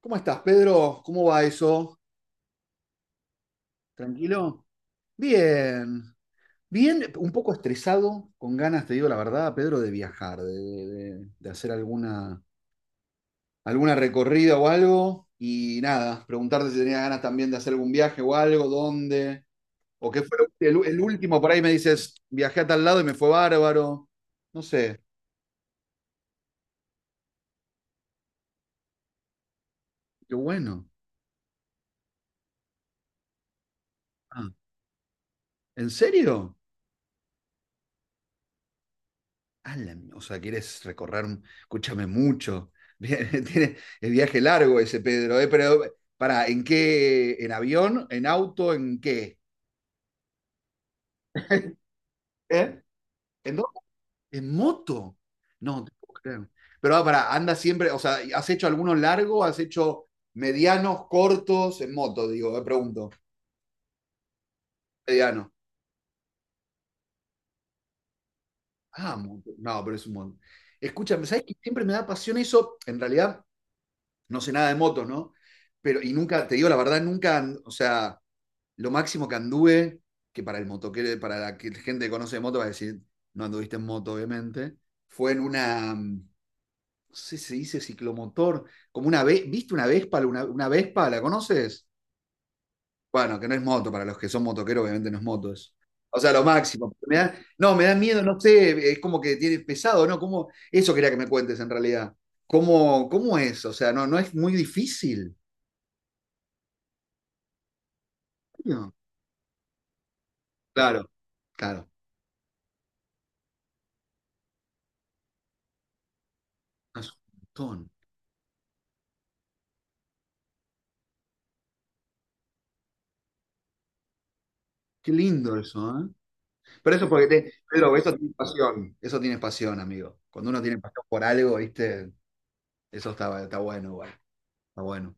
¿Cómo estás, Pedro? ¿Cómo va eso? ¿Tranquilo? Bien, bien, un poco estresado, con ganas, te digo la verdad, Pedro, de viajar, de hacer alguna, alguna recorrida o algo. Y nada, preguntarte si tenías ganas también de hacer algún viaje o algo, dónde, o qué fue el último, por ahí me dices, viajé a tal lado y me fue bárbaro. No sé, qué bueno. Ah, ¿en serio? Ah, o sea, quieres recorrer, escúchame mucho. Tiene el viaje largo ese Pedro, ¿eh? Pero, para, ¿en qué? ¿En avión? ¿En auto? ¿En qué? ¿Eh? ¿En dónde? ¿En moto? No, no te puedo creer. Pero para, anda siempre, o sea, ¿has hecho algunos largos? ¿Has hecho medianos, cortos? En moto, digo, me pregunto. Mediano. Ah, moto. No, pero es un montón. Escúchame, ¿sabes que siempre me da pasión eso? En realidad, no sé nada de motos, ¿no? Pero, y nunca, te digo la verdad, nunca, o sea, lo máximo que anduve, que para el motoquero, para gente que conoce de moto va a decir, no anduviste en moto, obviamente, fue en una, no sé si se dice ciclomotor, como una, ¿viste una Vespa? Una Vespa, ¿la conoces? Bueno, que no es moto, para los que son motoqueros, obviamente no es moto eso. O sea, lo máximo. No, me da miedo, no sé, es como que tiene pesado, ¿no? ¿Cómo? Eso quería que me cuentes en realidad. ¿Cómo es? O sea, no, no es muy difícil. No. Claro, claro. Es un montón. Qué lindo eso, ¿eh? Pero eso porque te, Pedro, eso tiene pasión, amigo. Cuando uno tiene pasión por algo, ¿viste? Eso está bueno, igual. Está bueno.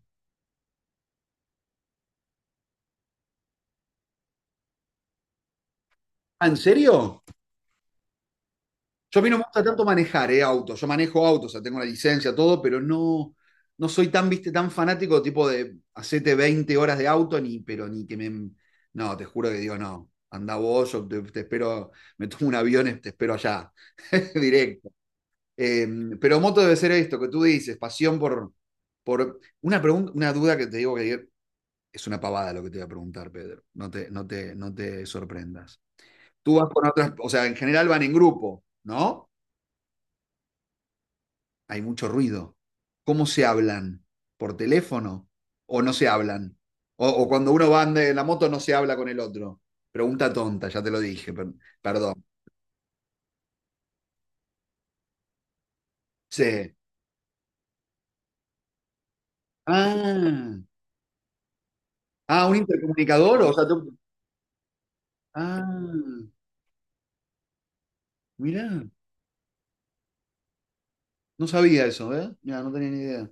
Ah, ¿en serio? Yo a mí no me gusta tanto manejar, autos. Yo manejo autos, o sea, tengo la licencia, todo, pero no, no soy tan, viste, tan fanático, tipo de hacete 20 horas de auto, ni, pero ni que me. No, te juro que digo, no. Anda vos, yo te espero, me tomo un avión, y te espero allá. Directo. Eh, pero moto debe ser esto que tú dices, pasión por una, pregunta, una duda que te digo que es una pavada lo que te voy a preguntar, Pedro. No te sorprendas. Tú vas con otras, o sea, en general van en grupo, ¿no? Hay mucho ruido. ¿Cómo se hablan? ¿Por teléfono? ¿O no se hablan? O cuando uno va en la moto no se habla con el otro. Pregunta tonta, ya te lo dije, perdón. Sí. Ah, ah, un intercomunicador, o sea. Ah, mirá. No sabía eso, ¿eh? Mira, no tenía ni idea.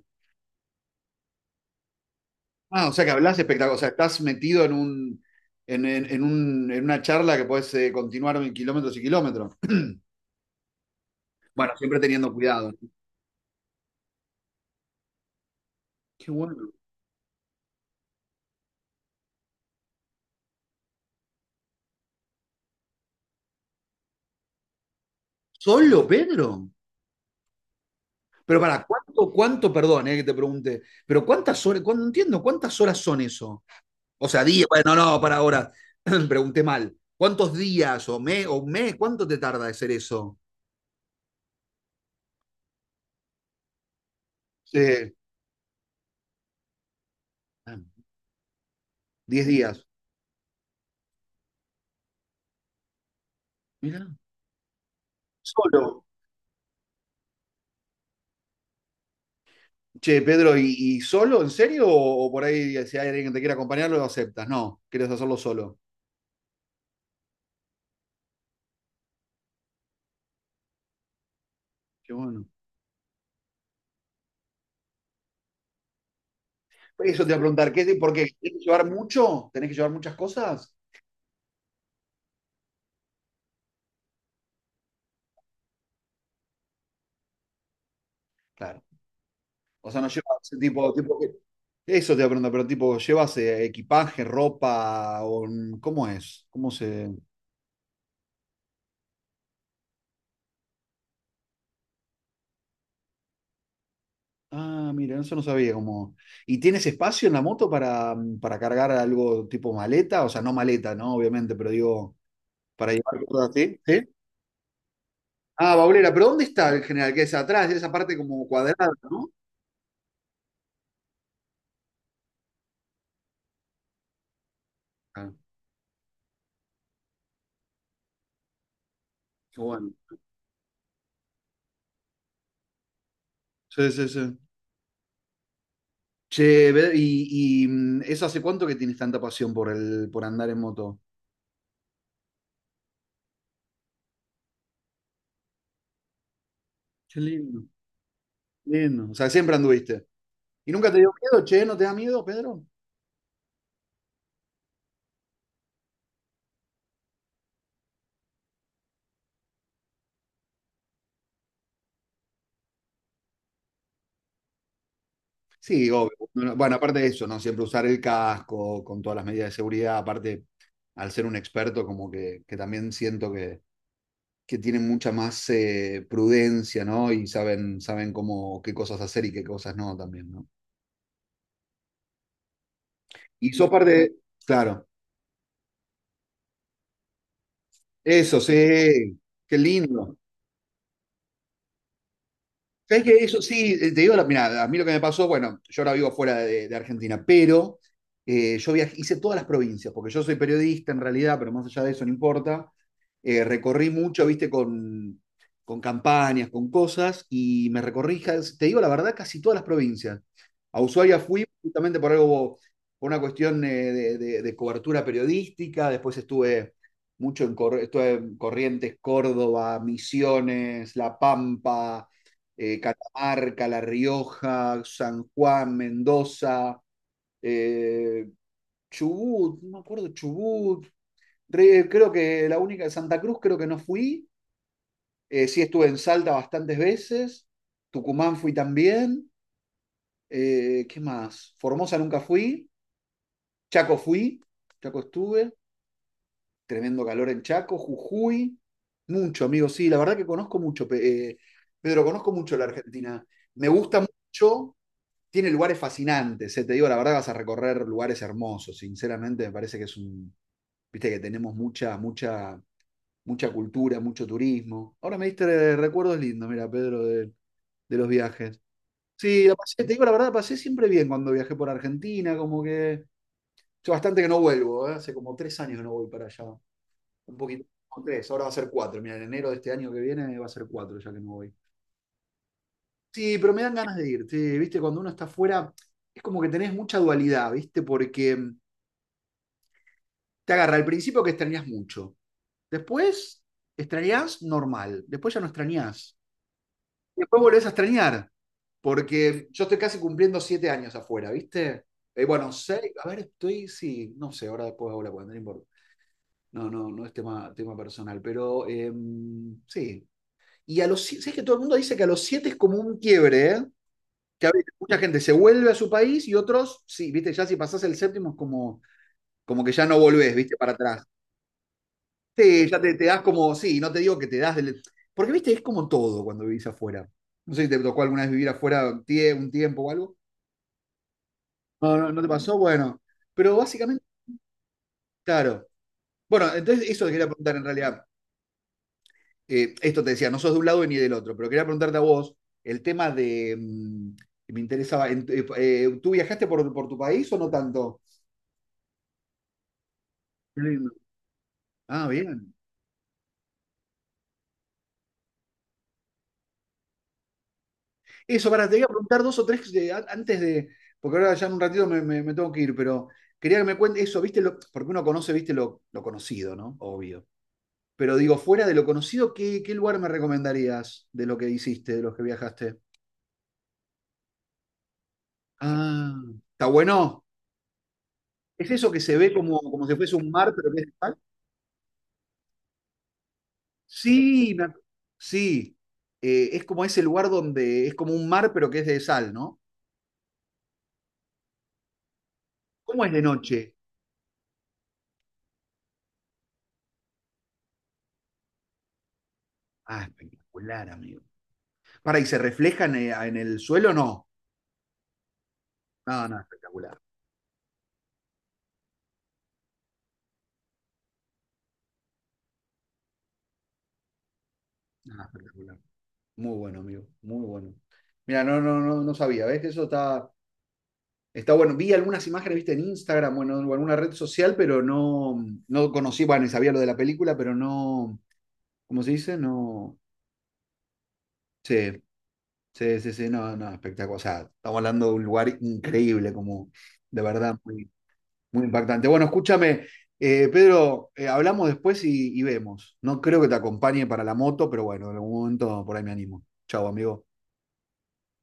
Ah, o sea que hablas espectacular, o sea, estás metido en un, en una charla que puedes continuar en kilómetros y kilómetros. Bueno, siempre teniendo cuidado. Qué bueno. ¿Solo, Pedro? Pero para, ¿cuánto, perdón, que te pregunte, pero cuántas horas, no entiendo, ¿cuántas horas son eso? O sea, días, bueno, no, para ahora, pregunté mal. ¿Cuántos días o mes, cuánto te tarda hacer eso? Sí. Ah, 10 días. Mira. Solo. Che, Pedro, ¿y solo? ¿En serio? O por ahí, si hay alguien que te quiera acompañar, lo aceptas. No, quieres hacerlo solo. Qué bueno. Eso te iba a preguntar, ¿por qué? ¿Tenés que llevar mucho? ¿Tenés que llevar muchas cosas? Claro. O sea, no llevas Eso te iba a preguntar, pero tipo, ¿llevas equipaje, ropa? O, ¿cómo es? ¿Cómo se...? Ah, mira, eso no sabía cómo. ¿Y tienes espacio en la moto para cargar algo tipo maleta? O sea, no maleta, ¿no? Obviamente, pero digo, para llevar cosas así. ¿Sí? Ah, baulera, pero ¿dónde está el general? Que es atrás, esa parte como cuadrada, ¿no? Ah, qué bueno. Sí, sí, sí. Che, eso hace cuánto que tienes tanta pasión por andar en moto. Qué lindo, lindo. O sea, siempre anduviste. ¿Y nunca te dio miedo, che? ¿No te da miedo, Pedro? Sí, obvio. No, no, bueno, aparte de eso, ¿no? Siempre usar el casco con todas las medidas de seguridad. Aparte, al ser un experto, como que también siento que tienen mucha más prudencia, ¿no? Y saben cómo, qué cosas hacer y qué cosas no también, ¿no? Y sos parte de. Claro, eso, sí, qué lindo. ¿Sabés que eso sí, te digo, mirá, a mí lo que me pasó, bueno, yo ahora vivo fuera de Argentina, pero yo viajé, hice todas las provincias, porque yo soy periodista en realidad, pero más allá de eso no importa. Recorrí mucho, viste, con campañas, con cosas, y me recorrí, te digo la verdad, casi todas las provincias. A Ushuaia fui justamente por algo, por una cuestión de cobertura periodística, después estuve mucho en Corrientes, Córdoba, Misiones, La Pampa, Catamarca, La Rioja, San Juan, Mendoza, eh, Chubut, no me acuerdo, Chubut, creo que la única, Santa Cruz creo que no fui, sí estuve en Salta bastantes veces, Tucumán fui también, ¿qué más? Formosa nunca fui, Chaco fui, Chaco estuve, tremendo calor en Chaco, Jujuy, mucho, amigo, sí, la verdad que conozco mucho, Pedro, conozco mucho la Argentina, me gusta mucho, tiene lugares fascinantes, te digo la verdad, vas a recorrer lugares hermosos, sinceramente me parece que es un, viste que tenemos mucha, mucha, mucha cultura, mucho turismo. Ahora me diste recuerdos lindos, mira, Pedro, de los viajes. Sí, la pasé, te digo la verdad, la pasé siempre bien cuando viajé por Argentina, como que yo bastante que no vuelvo, hace como 3 años que no voy para allá, un poquito, como tres, ahora va a ser cuatro, mira, en enero de este año que viene va a ser cuatro ya que no voy. Sí, pero me dan ganas de ir, sí, viste, cuando uno está afuera es como que tenés mucha dualidad, ¿viste? Porque te agarra al principio que extrañas mucho. Después extrañas normal. Después ya no extrañas. Después volvés a extrañar, porque yo estoy casi cumpliendo 7 años afuera, ¿viste? Bueno, seis, a ver, estoy, sí, no sé, ahora después hago la cuenta, no importa. No, no, no es tema personal, pero sí. Y a los 7, ¿sabes que todo el mundo dice que a los 7 es como un quiebre, ¿eh? Que a veces mucha gente se vuelve a su país y otros, sí, ¿viste? Ya si pasás el séptimo es como que ya no volvés, ¿viste? Para atrás. Sí, ya te das como, sí, no te digo que te das del. Porque, viste, es como todo cuando vivís afuera. No sé si te tocó alguna vez vivir afuera un un tiempo o algo. No, no, no te pasó, bueno. Pero básicamente, claro. Bueno, entonces eso te quería preguntar en realidad. Esto te decía, no sos de un lado ni del otro, pero quería preguntarte a vos el tema de que me interesaba, ¿tú viajaste por tu país o no tanto? Qué lindo. Ah, bien. Eso, para, te iba a preguntar dos o tres antes de, porque ahora ya en un ratito me tengo que ir, pero quería que me cuentes eso, ¿viste? Porque uno conoce, ¿viste? Lo conocido, ¿no? Obvio. Pero digo, fuera de lo conocido, ¿qué lugar me recomendarías de lo que hiciste, de los que viajaste? Ah, está bueno. ¿Es eso que se ve como si fuese un mar, pero que es de sal? Sí, sí. Es como ese lugar donde es como un mar, pero que es de sal, ¿no? ¿Cómo es de noche? Ah, espectacular, amigo. Para, ¿y se reflejan en el suelo? No. No, no, espectacular. No, espectacular. Muy bueno, amigo. Muy bueno. Mira, no, no, no, no sabía, ¿ves? Eso está bueno. Vi algunas imágenes, viste, en Instagram, bueno, en alguna red social, pero no, no conocí, bueno, y sabía lo de la película, pero no, ¿cómo se dice? No. Sí, sí, sí, sí, no, no, espectacular. O sea, estamos hablando de un lugar increíble, como de verdad, muy, muy impactante. Bueno, escúchame, Pedro, hablamos después y vemos. No creo que te acompañe para la moto, pero bueno, en algún momento por ahí me animo. Chao, amigo.